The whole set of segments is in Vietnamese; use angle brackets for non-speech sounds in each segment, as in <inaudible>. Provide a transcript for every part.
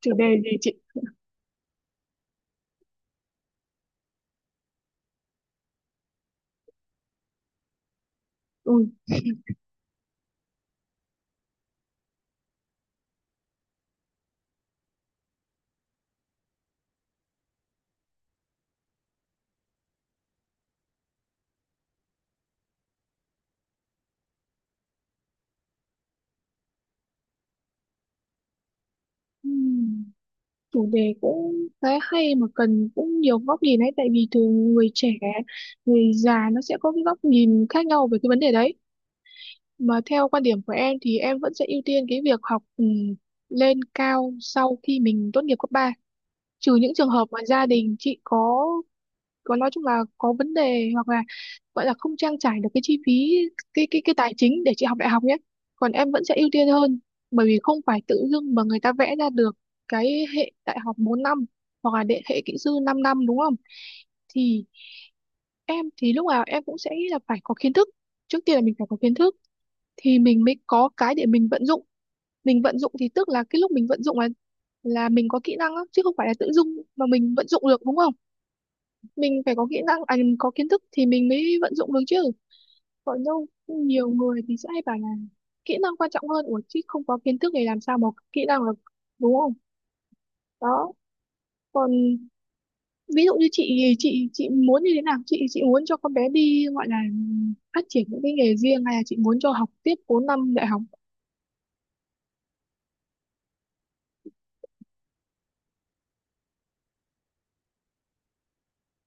Chủ đề gì chị? Ừ. Ừm, Chủ đề cũng khá hay mà cần cũng nhiều góc nhìn ấy, tại vì thường người trẻ người già nó sẽ có cái góc nhìn khác nhau về cái vấn đề đấy. Mà theo quan điểm của em thì em vẫn sẽ ưu tiên cái việc học, lên cao sau khi mình tốt nghiệp cấp ba, trừ những trường hợp mà gia đình chị có còn nói chung là có vấn đề, hoặc là gọi là không trang trải được cái chi phí, cái tài chính để chị học đại học nhé. Còn em vẫn sẽ ưu tiên hơn, bởi vì không phải tự dưng mà người ta vẽ ra được cái hệ đại học 4 năm, hoặc là đệ hệ kỹ sư 5 năm, đúng không? Thì em thì lúc nào em cũng sẽ nghĩ là phải có kiến thức, trước tiên là mình phải có kiến thức thì mình mới có cái để mình vận dụng. Mình vận dụng thì tức là cái lúc mình vận dụng là mình có kỹ năng á, chứ không phải là tự dưng mà mình vận dụng được, đúng không? Mình phải có kỹ năng, có kiến thức thì mình mới vận dụng được chứ. Còn đâu nhiều người thì sẽ hay bảo là kỹ năng quan trọng hơn, ủa chứ không có kiến thức thì làm sao mà có kỹ năng được, đúng không? Đó. Còn ví dụ như chị thì chị muốn như thế nào, chị muốn cho con bé đi gọi là phát triển những cái nghề riêng, hay là chị muốn cho học tiếp 4 năm đại học?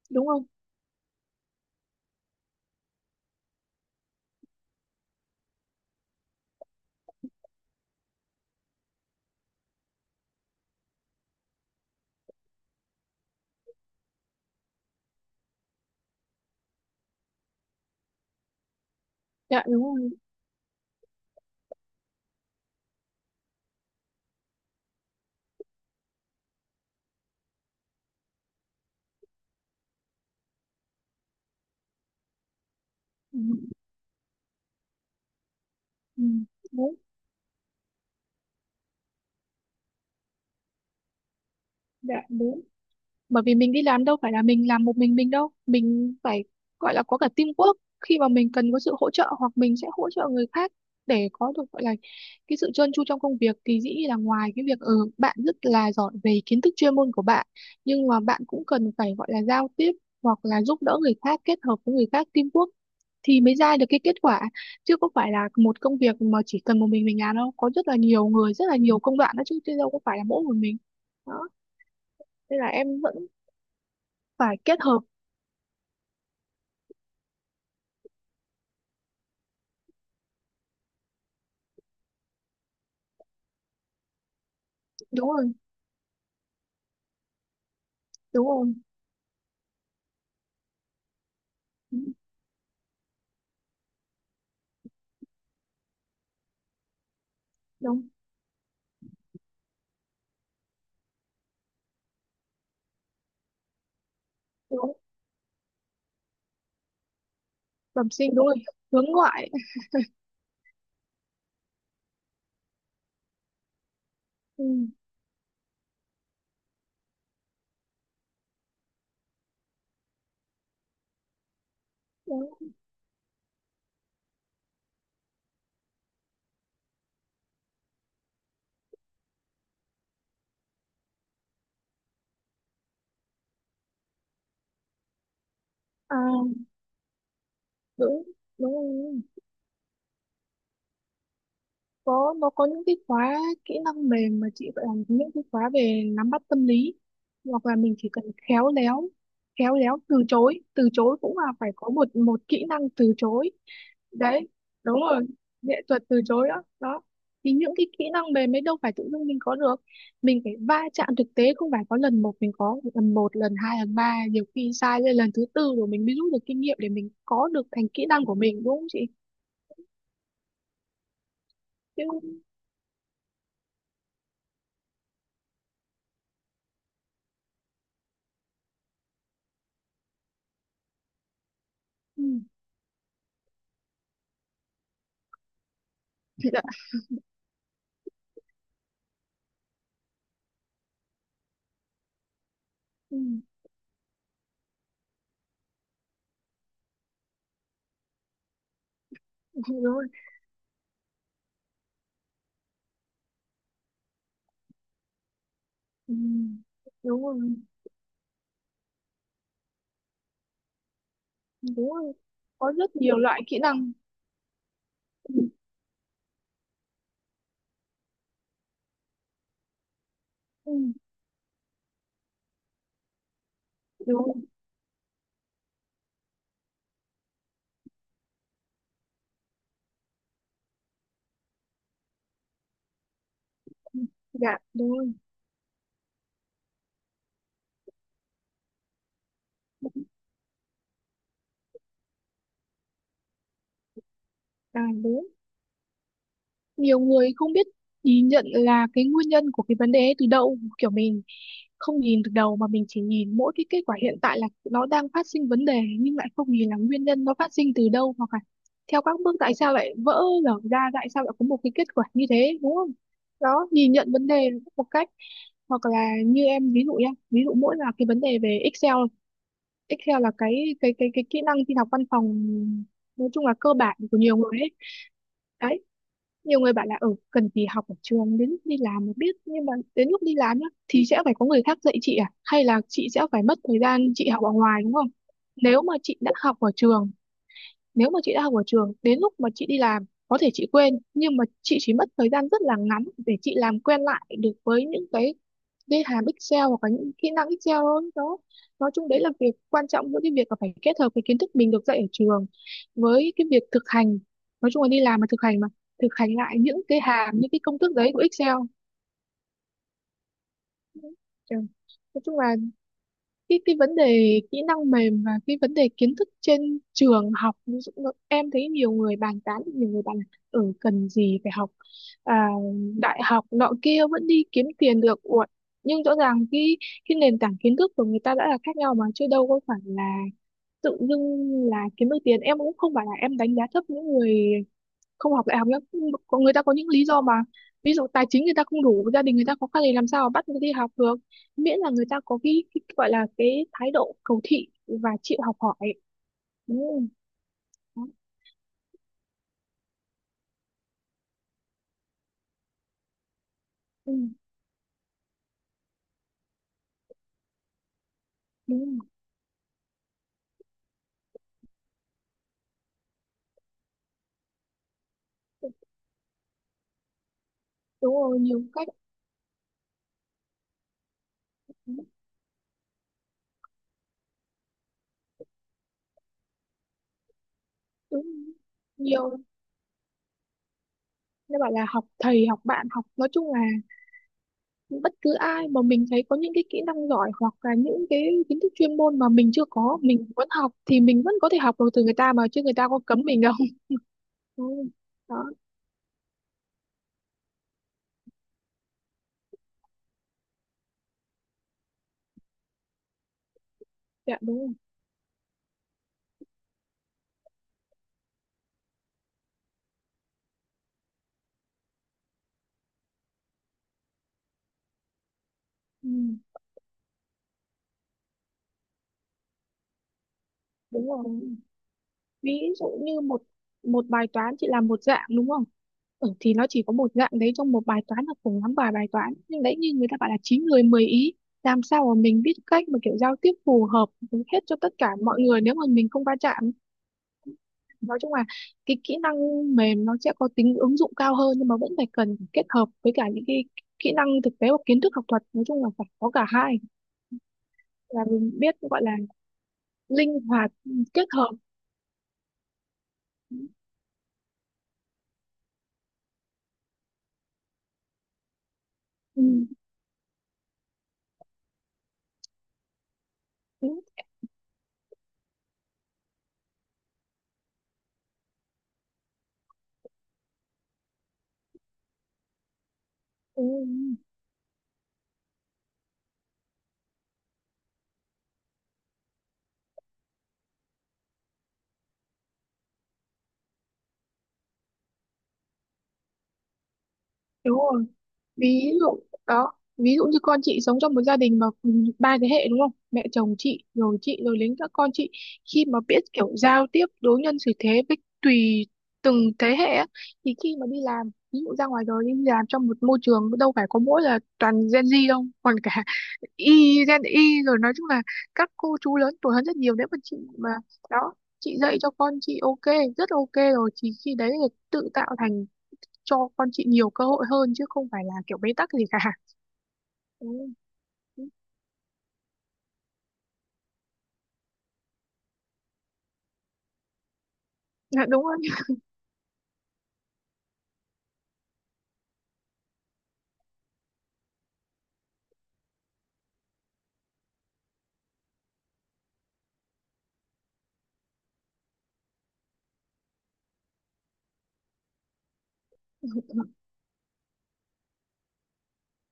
Đúng không? Dạ đúng rồi. Ừ. Ừ. Đúng. Dạ đúng. Bởi vì mình đi làm đâu phải là mình làm một mình đâu, mình phải gọi là có cả teamwork, khi mà mình cần có sự hỗ trợ hoặc mình sẽ hỗ trợ người khác, để có được gọi là cái sự trơn tru trong công việc, thì dĩ nhiên là ngoài cái việc bạn rất là giỏi về kiến thức chuyên môn của bạn, nhưng mà bạn cũng cần phải gọi là giao tiếp, hoặc là giúp đỡ người khác, kết hợp với người khác, teamwork, thì mới ra được cái kết quả. Chứ không phải là một công việc mà chỉ cần một mình làm đâu, có rất là nhiều người, rất là nhiều công đoạn đó chứ, chứ đâu có phải là mỗi một mình. Đó, nên là em vẫn phải kết hợp. Đúng rồi, đúng rồi, đúng, đúng, đúng. Bẩm sinh đúng rồi. Hướng ngoại. ừ, Đúng. à Đúng. Đúng rồi. Có, nó có những cái khóa kỹ năng mềm mà chị gọi là, những cái khóa về nắm bắt tâm lý, hoặc là mình chỉ cần khéo léo, khéo léo từ chối, từ chối cũng là phải có một một kỹ năng từ chối. Đấy, đúng rồi, nghệ thuật từ chối đó đó. Thì những cái kỹ năng mềm ấy đâu phải tự dưng mình có được, mình phải va chạm thực tế, không phải có lần một, mình có lần một lần hai lần ba, nhiều khi sai lên lần thứ tư rồi mình mới rút được kinh nghiệm để mình có được thành kỹ năng của mình, đúng không chị? Chứ ừ, chị đã- ừ, <laughs> đúng rồi. ừ, Đúng rồi, đúng rồi. Có rất nhiều loại kỹ năng. ừ, ừ, Đúng rồi. Ừ. Dạ đúng rồi. À đúng. Nhiều người không biết nhìn nhận là cái nguyên nhân của cái vấn đề ấy từ đâu, kiểu mình không nhìn từ đầu mà mình chỉ nhìn mỗi cái kết quả hiện tại là nó đang phát sinh vấn đề, nhưng lại không nhìn là nguyên nhân nó phát sinh từ đâu, hoặc là theo các bước, tại sao lại vỡ lở ra, tại sao lại có một cái kết quả như thế, đúng không? Đó, nhìn nhận vấn đề một cách, hoặc là như em ví dụ nhá, ví dụ mỗi là cái vấn đề về Excel. Excel là cái kỹ năng tin học văn phòng, nói chung là cơ bản của nhiều người ấy. Đấy, nhiều người bảo là ừ cần gì học ở trường, đến lúc đi làm mới biết, nhưng mà đến lúc đi làm nhá thì sẽ phải có người khác dạy chị, à hay là chị sẽ phải mất thời gian chị học ở ngoài, đúng không? nếu mà chị đã học ở trường Nếu mà chị đã học ở trường, đến lúc mà chị đi làm có thể chị quên, nhưng mà chị chỉ mất thời gian rất là ngắn để chị làm quen lại được với những cái hàm Excel, hoặc là những kỹ năng Excel thôi đó. Nói chung đấy là việc quan trọng, giữa cái việc là phải kết hợp cái kiến thức mình được dạy ở trường với cái việc thực hành, nói chung là đi làm mà thực hành, mà thực hành lại những cái hàm, những cái công thức đấy của Excel. Ừ. Nói chung là cái vấn đề kỹ năng mềm và cái vấn đề kiến thức trên trường học, ví dụ như em thấy nhiều người bàn tán, nhiều người bàn là cần gì phải học à, đại học nọ kia vẫn đi kiếm tiền được. Ủa, nhưng rõ ràng cái nền tảng kiến thức của người ta đã là khác nhau mà, chứ đâu có phải là tự dưng là kiếm được tiền. Em cũng không phải là em đánh giá thấp những người không học đại học nữa, có người ta có những lý do mà, ví dụ tài chính người ta không đủ, gia đình người ta khó khăn thì làm sao mà bắt người ta đi học được, miễn là người ta có cái gọi là cái thái độ cầu thị và chịu học hỏi, đúng không? Đó. Ừ. Đúng rồi. Đúng rồi, nhiều cách. Đúng, đúng. Nhiều, nên bảo là học thầy học bạn, học nói chung là bất cứ ai mà mình thấy có những cái kỹ năng giỏi, hoặc là những cái kiến thức chuyên môn mà mình chưa có, mình vẫn học, thì mình vẫn có thể học được từ người ta mà, chứ người ta có cấm mình đâu <laughs> đúng rồi. Đó. Dạ đúng rồi. Ừ. Đúng rồi, ví dụ. Như một một bài toán chị làm một dạng đúng không ừ, thì nó chỉ có một dạng đấy trong một bài toán là cùng lắm vài bài toán nhưng đấy như người ta bảo là chín người 10 ý làm sao mà mình biết cách mà kiểu giao tiếp phù hợp với hết cho tất cả mọi người nếu mà mình không va chạm nói chung là cái kỹ năng mềm nó sẽ có tính ứng dụng cao hơn nhưng mà vẫn phải cần kết hợp với cả những cái kỹ năng thực tế hoặc kiến thức học thuật nói chung là phải có cả hai là mình biết gọi là linh hoạt kết hợp ừ. ừ, ừ. đúng rồi ví dụ đó, ví dụ như con chị sống trong một gia đình mà cùng ba thế hệ, đúng không, mẹ chồng chị rồi đến các con chị, khi mà biết kiểu giao tiếp đối nhân xử thế với tùy từng thế hệ á, thì khi mà đi làm ví dụ ra ngoài đời đi làm trong một môi trường, đâu phải có mỗi là toàn Gen Z đâu, còn cả <laughs> Y Gen Y rồi, nói chung là các cô chú lớn tuổi hơn rất nhiều, nếu mà chị mà, đó, chị dạy cho con chị ok, rất ok rồi, thì khi đấy là tự tạo thành cho con chị nhiều cơ hội hơn, chứ không phải là kiểu bế tắc gì cả. Ừ, ừ, dạ đúng rồi.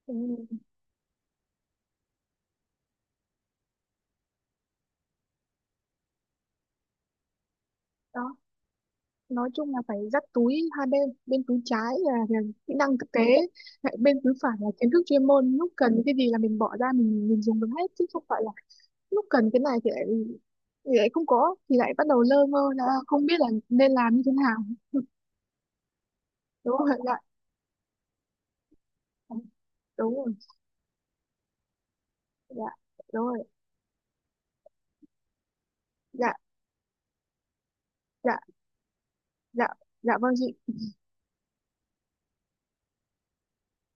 Ừ. Đó, nói chung là phải dắt túi hai bên, bên túi trái là kỹ năng thực tế, lại bên túi phải là kiến thức chuyên môn, lúc cần cái gì là mình bỏ ra, mình dùng được hết, chứ không phải là lúc cần cái này thì lại, không có, thì lại bắt đầu lơ mơ là không biết là nên làm như thế nào. <laughs> Đúng rồi. Dạ đúng rồi. Dạ đúng rồi. Dạ. Dạ. Dạ. Dạ vâng chị.